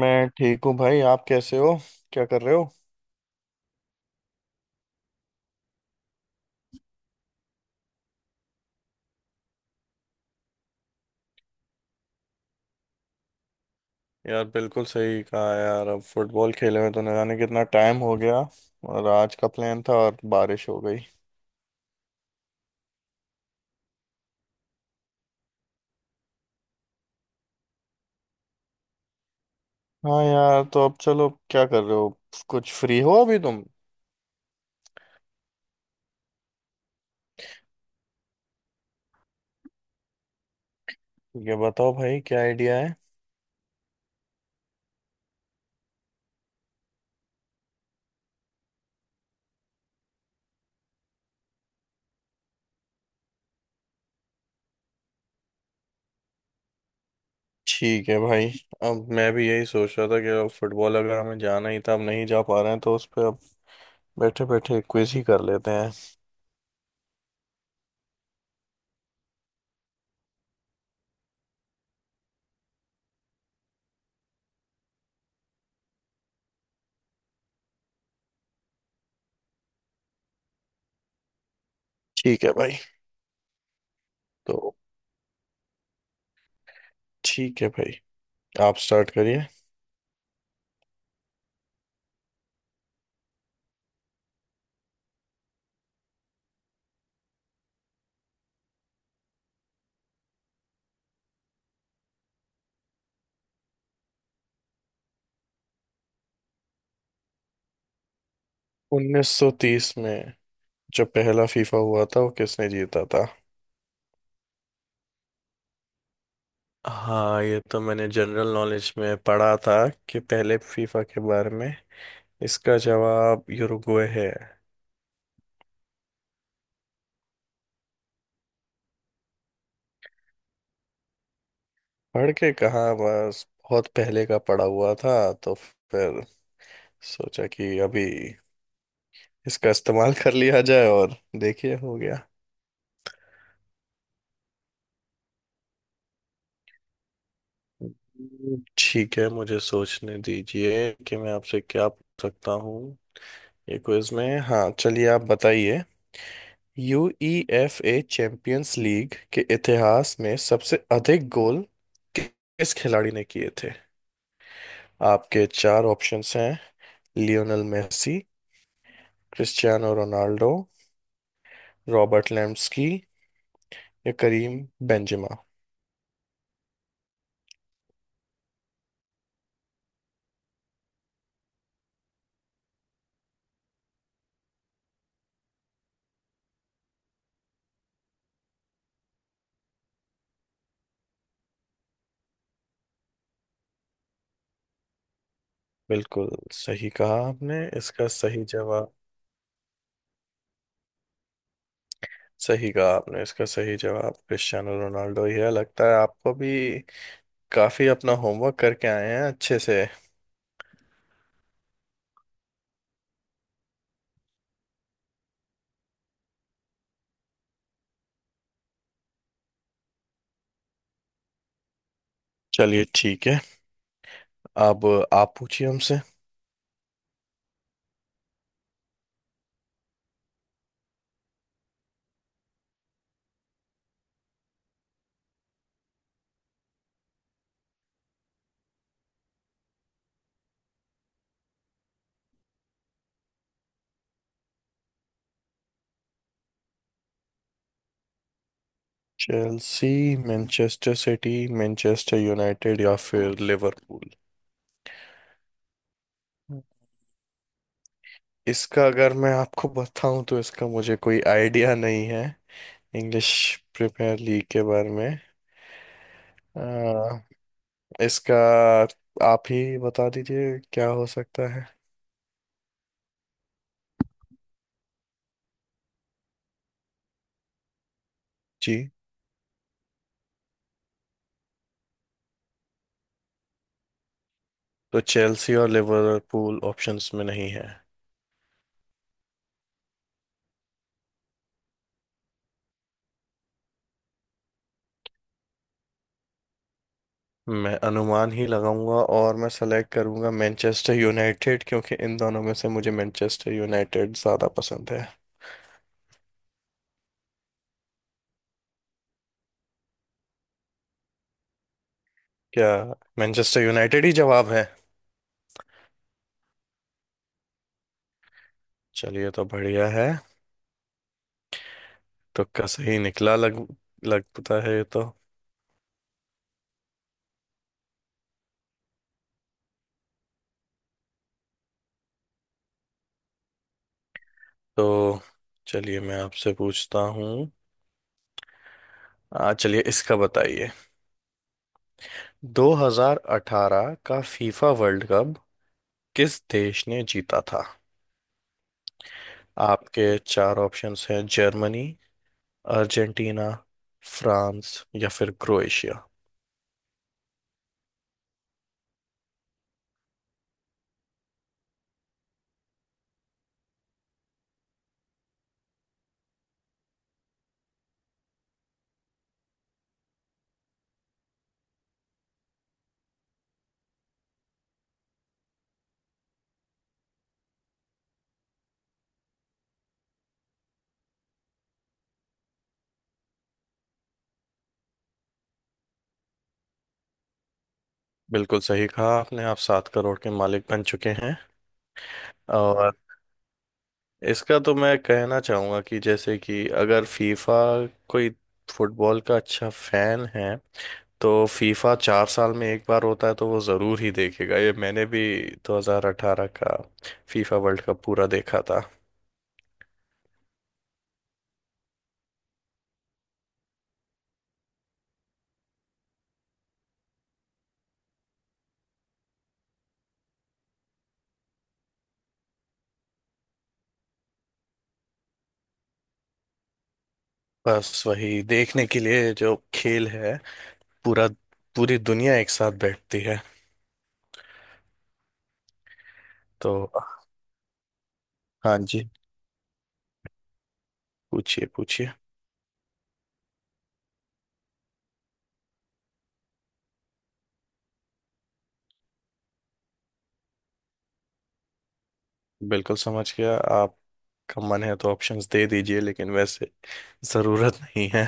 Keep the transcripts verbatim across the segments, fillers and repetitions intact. मैं ठीक हूँ भाई। आप कैसे हो? क्या कर रहे हो? यार बिल्कुल सही कहा यार, अब फुटबॉल खेले हुए तो न जाने कितना टाइम हो गया। और आज का प्लान था और बारिश हो गई। हाँ यार, तो अब चलो क्या कर रहे हो? कुछ फ्री हो अभी तुम? ये बताओ भाई क्या आइडिया है? ठीक है भाई। अब मैं भी यही सोच रहा था कि अब फुटबॉल अगर हमें जाना ही था, अब नहीं जा पा रहे हैं, तो उस पे अब बैठे बैठे क्विज ही कर लेते हैं। ठीक है भाई। तो ठीक है भाई, आप स्टार्ट करिए। उन्नीस सौ तीस में जब पहला फीफा हुआ था वो किसने जीता था? हाँ, ये तो मैंने जनरल नॉलेज में पढ़ा था कि पहले फीफा के बारे में। इसका जवाब यूरुग्वे है। पढ़ के कहाँ, बस बहुत पहले का पड़ा हुआ था, तो फिर सोचा कि अभी इसका इस्तेमाल कर लिया जाए और देखिए हो गया। ठीक है, मुझे सोचने दीजिए कि मैं आपसे क्या पूछ सकता हूँ ये क्विज में। हाँ चलिए आप बताइए। यूईएफए चैंपियंस लीग के इतिहास में सबसे अधिक गोल किस खिलाड़ी ने किए थे? आपके चार ऑप्शंस हैं: Lionel Messi, Cristiano Ronaldo, Robert Lewandowski या करीम बेंजेमा। बिल्कुल सही कहा आपने, इसका सही जवाब। सही कहा आपने, इसका सही जवाब क्रिस्टियानो रोनाल्डो ही है। लगता है आपको भी काफी अपना होमवर्क करके आए हैं अच्छे से। चलिए ठीक है, अब आप पूछिए हमसे। Chelsea, Manchester City, Manchester United या फिर लिवरपूल? इसका अगर मैं आपको बताऊं तो इसका मुझे कोई आइडिया नहीं है इंग्लिश प्रीमियर लीग के बारे में। अ, इसका आप ही बता दीजिए क्या हो सकता है। जी, तो चेल्सी और लिवरपूल ऑप्शंस में नहीं है? मैं अनुमान ही लगाऊंगा और मैं सेलेक्ट करूंगा मैनचेस्टर यूनाइटेड, क्योंकि इन दोनों में से मुझे मैनचेस्टर यूनाइटेड ज़्यादा पसंद है। क्या, मैनचेस्टर यूनाइटेड ही जवाब है? चलिए तो बढ़िया है। तुक्का सही निकला लग लगता है ये तो। तो चलिए मैं आपसे पूछता हूँ। आ चलिए इसका बताइए। दो हज़ार अठारह का फीफा वर्ल्ड कप किस देश ने जीता था? आपके चार ऑप्शंस हैं: जर्मनी, अर्जेंटीना, फ्रांस या फिर क्रोएशिया। बिल्कुल सही कहा आपने, आप सात करोड़ के मालिक बन चुके हैं। और इसका तो मैं कहना चाहूँगा कि जैसे कि अगर फीफा, कोई फुटबॉल का अच्छा फैन है तो फीफा चार साल में एक बार होता है तो वो ज़रूर ही देखेगा। ये मैंने भी दो हज़ार अठारह का फीफा वर्ल्ड कप पूरा देखा था। बस वही देखने के लिए जो खेल है, पूरा, पूरी दुनिया एक साथ बैठती है। तो हाँ जी, पूछिए पूछिए। बिल्कुल समझ गया, आपका मन है तो ऑप्शंस दे दीजिए, लेकिन वैसे ज़रूरत नहीं है।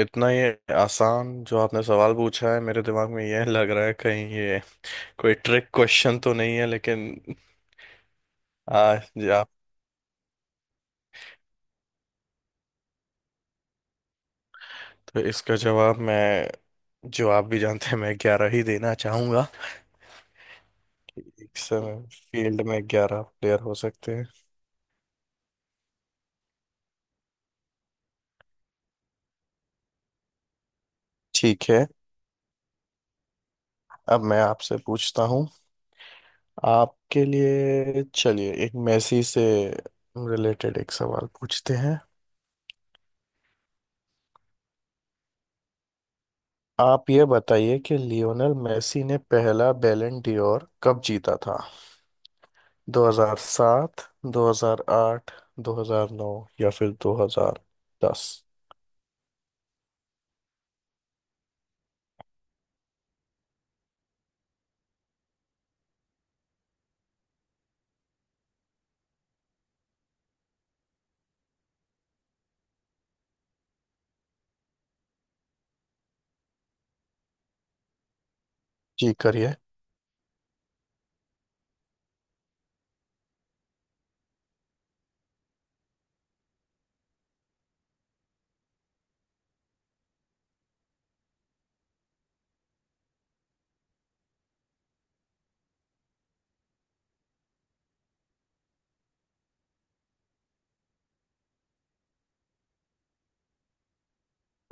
इतना ये आसान जो आपने सवाल पूछा है, मेरे दिमाग में यह लग रहा है कहीं ये कोई ट्रिक क्वेश्चन तो नहीं है, लेकिन आज जी आप। तो इसका जवाब मैं जो आप भी जानते हैं, मैं ग्यारह ही देना चाहूंगा। एक समय फील्ड में ग्यारह प्लेयर हो सकते हैं। ठीक है अब मैं आपसे पूछता हूँ। आपके लिए चलिए एक मेसी से रिलेटेड एक सवाल पूछते हैं। आप ये बताइए कि लियोनेल मेसी ने पहला बैलन डी'ओर कब जीता था? दो हज़ार सात, दो हज़ार आठ, दो हज़ार नौ या फिर दो हज़ार दस? जी करिए।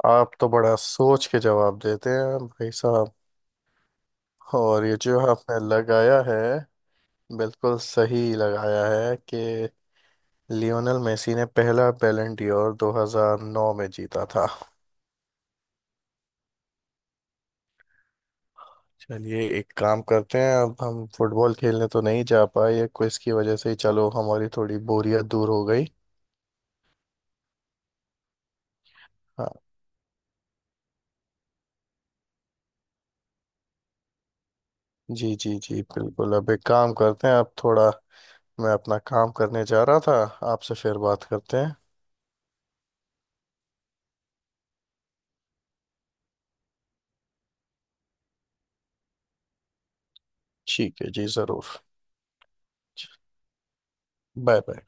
आप तो बड़ा सोच के जवाब देते हैं भाई साहब। और ये जो आपने लगाया है बिल्कुल सही लगाया है कि लियोनेल मेसी ने पहला बैलन डियोर दो हज़ार नौ में जीता था। चलिए एक काम करते हैं, अब हम फुटबॉल खेलने तो नहीं जा पाए, ये क्विज की वजह से ही चलो हमारी थोड़ी बोरियत दूर हो गई। हाँ जी जी जी, बिल्कुल। अब एक काम करते हैं, आप थोड़ा, मैं अपना काम करने जा रहा था, आपसे फिर बात करते हैं। ठीक है जी ज़रूर। Bye bye.